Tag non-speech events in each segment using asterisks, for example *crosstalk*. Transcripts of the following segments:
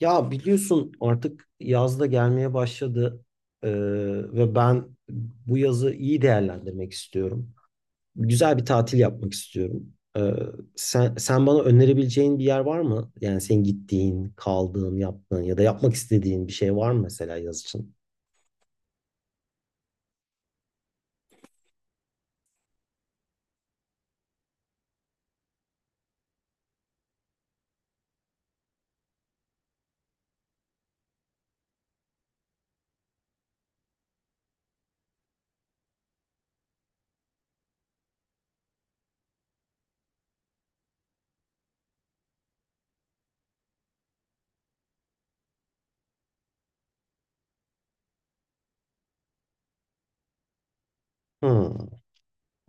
Ya biliyorsun artık yaz da gelmeye başladı. Ee, Ve ben bu yazı iyi değerlendirmek istiyorum. Güzel bir tatil yapmak istiyorum. Sen bana önerebileceğin bir yer var mı? Yani senin gittiğin, kaldığın, yaptığın ya da yapmak istediğin bir şey var mı mesela yaz için? Hmm,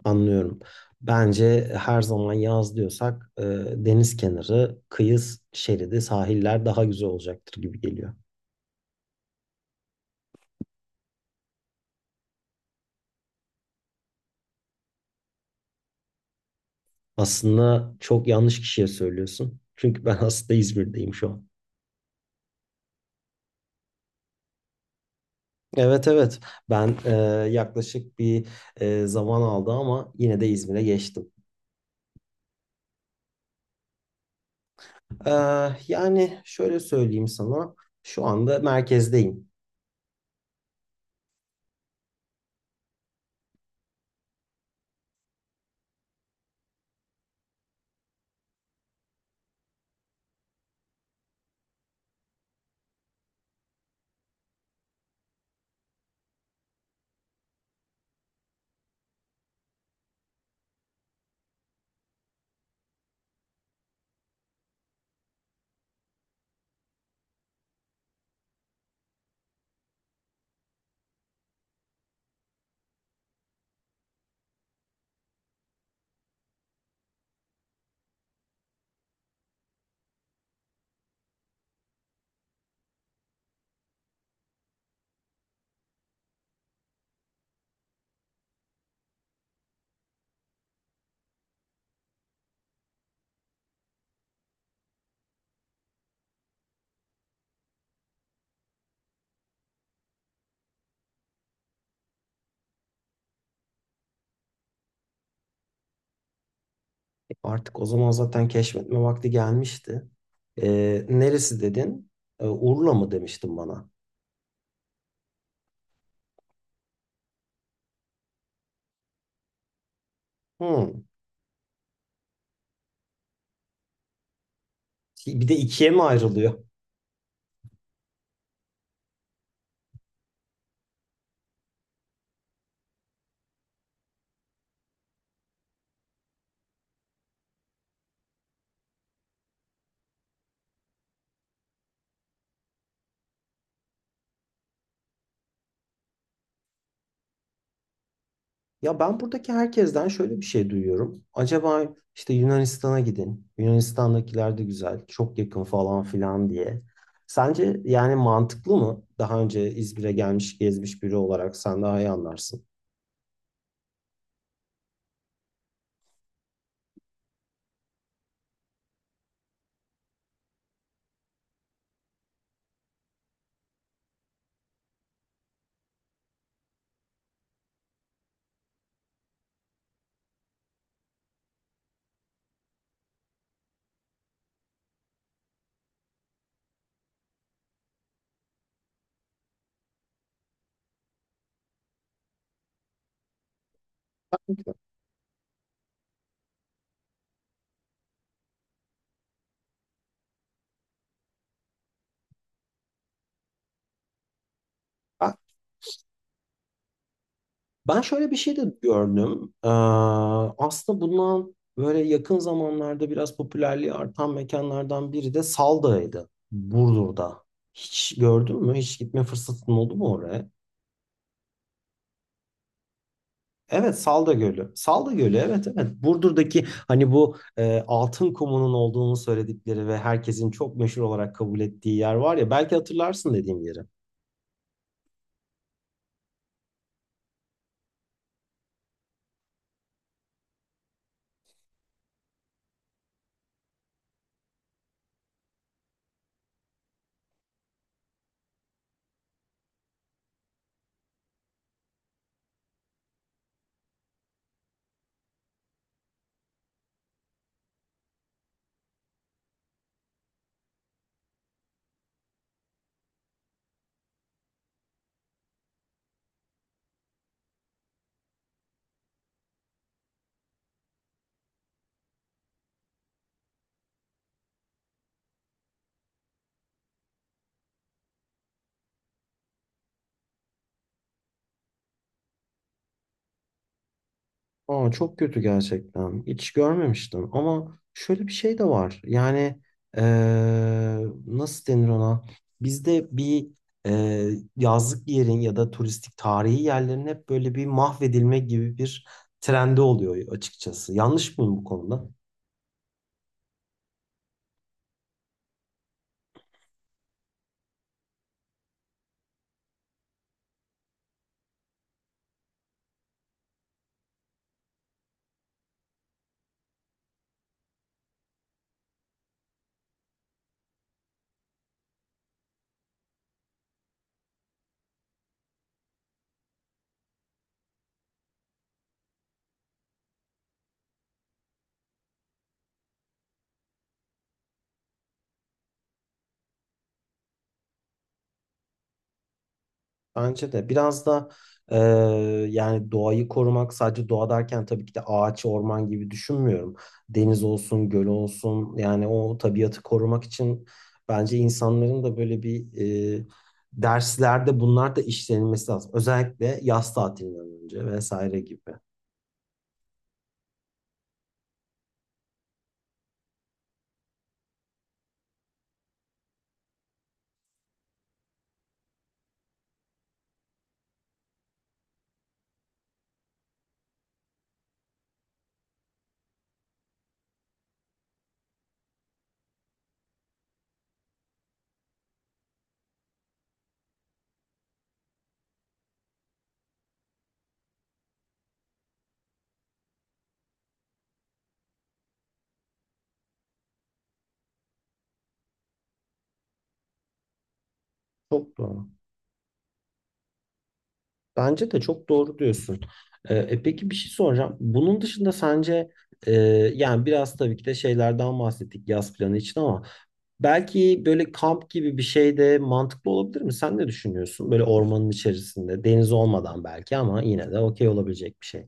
anlıyorum. Bence her zaman yaz diyorsak deniz kenarı, kıyı şeridi, sahiller daha güzel olacaktır gibi geliyor. Aslında çok yanlış kişiye söylüyorsun. Çünkü ben *laughs* aslında İzmir'deyim şu an. Evet evet, ben yaklaşık bir zaman aldı ama yine de İzmir'e geçtim. E, yani şöyle söyleyeyim sana, şu anda merkezdeyim. Artık o zaman zaten keşfetme vakti gelmişti. E, neresi dedin? E, Urla mı demiştin bana? Hmm. Bir de ikiye mi ayrılıyor? Ya ben buradaki herkesten şöyle bir şey duyuyorum. Acaba işte Yunanistan'a gidin, Yunanistan'dakiler de güzel, çok yakın falan filan diye. Sence yani mantıklı mı? Daha önce İzmir'e gelmiş, gezmiş biri olarak sen daha iyi anlarsın. Ben ben şöyle bir şey de gördüm. Aslında bundan böyle yakın zamanlarda biraz popülerliği artan mekanlardan biri de Salda'ydı, Burdur'da. Hiç gördün mü? Hiç gitme fırsatın oldu mu oraya? Evet Salda Gölü. Salda Gölü, evet evet. Burdur'daki hani bu altın kumunun olduğunu söyledikleri ve herkesin çok meşhur olarak kabul ettiği yer var ya, belki hatırlarsın dediğim yeri. Aa, çok kötü gerçekten. Hiç görmemiştim ama şöyle bir şey de var. Yani e, nasıl denir ona? Bizde bir e, yazlık yerin ya da turistik tarihi yerlerin hep böyle bir mahvedilme gibi bir trendi oluyor açıkçası. Yanlış mıyım bu konuda? Bence de biraz da e, yani doğayı korumak, sadece doğa derken tabii ki de ağaç, orman gibi düşünmüyorum. Deniz olsun, göl olsun, yani o tabiatı korumak için bence insanların da böyle bir e, derslerde bunlar da işlenilmesi lazım. Özellikle yaz tatilinden önce vesaire gibi. Çok doğru. Bence de çok doğru diyorsun. Peki bir şey soracağım. Bunun dışında sence e, yani biraz tabii ki de şeylerden bahsettik yaz planı için ama belki böyle kamp gibi bir şey de mantıklı olabilir mi? Sen ne düşünüyorsun? Böyle ormanın içerisinde, deniz olmadan belki ama yine de okey olabilecek bir şey.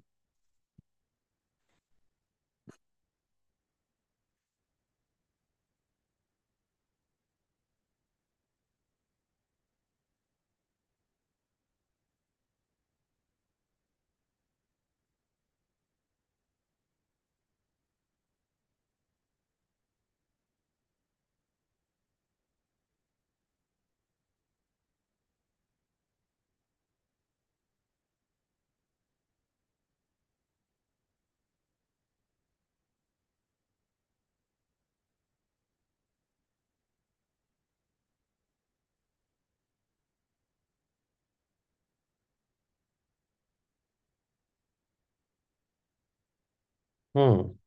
Hmm.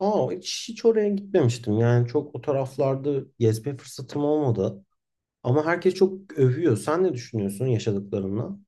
Aa, hiç oraya gitmemiştim. Yani çok o taraflarda gezme fırsatım olmadı. Ama herkes çok övüyor. Sen ne düşünüyorsun yaşadıklarından?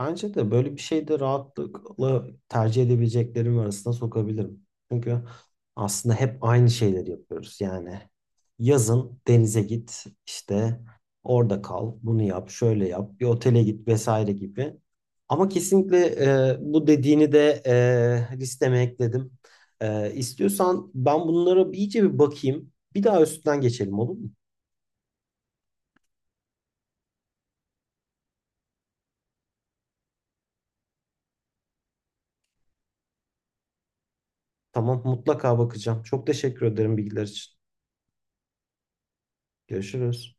Bence de böyle bir şey de rahatlıkla tercih edebileceklerim arasına sokabilirim. Çünkü aslında hep aynı şeyleri yapıyoruz. Yani yazın denize git, işte orada kal, bunu yap, şöyle yap, bir otele git vesaire gibi. Ama kesinlikle bu dediğini de listeme ekledim. E, istiyorsan ben bunlara bir- iyice bir bakayım. Bir daha üstünden geçelim, olur mu? Tamam, mutlaka bakacağım. Çok teşekkür ederim bilgiler için. Görüşürüz.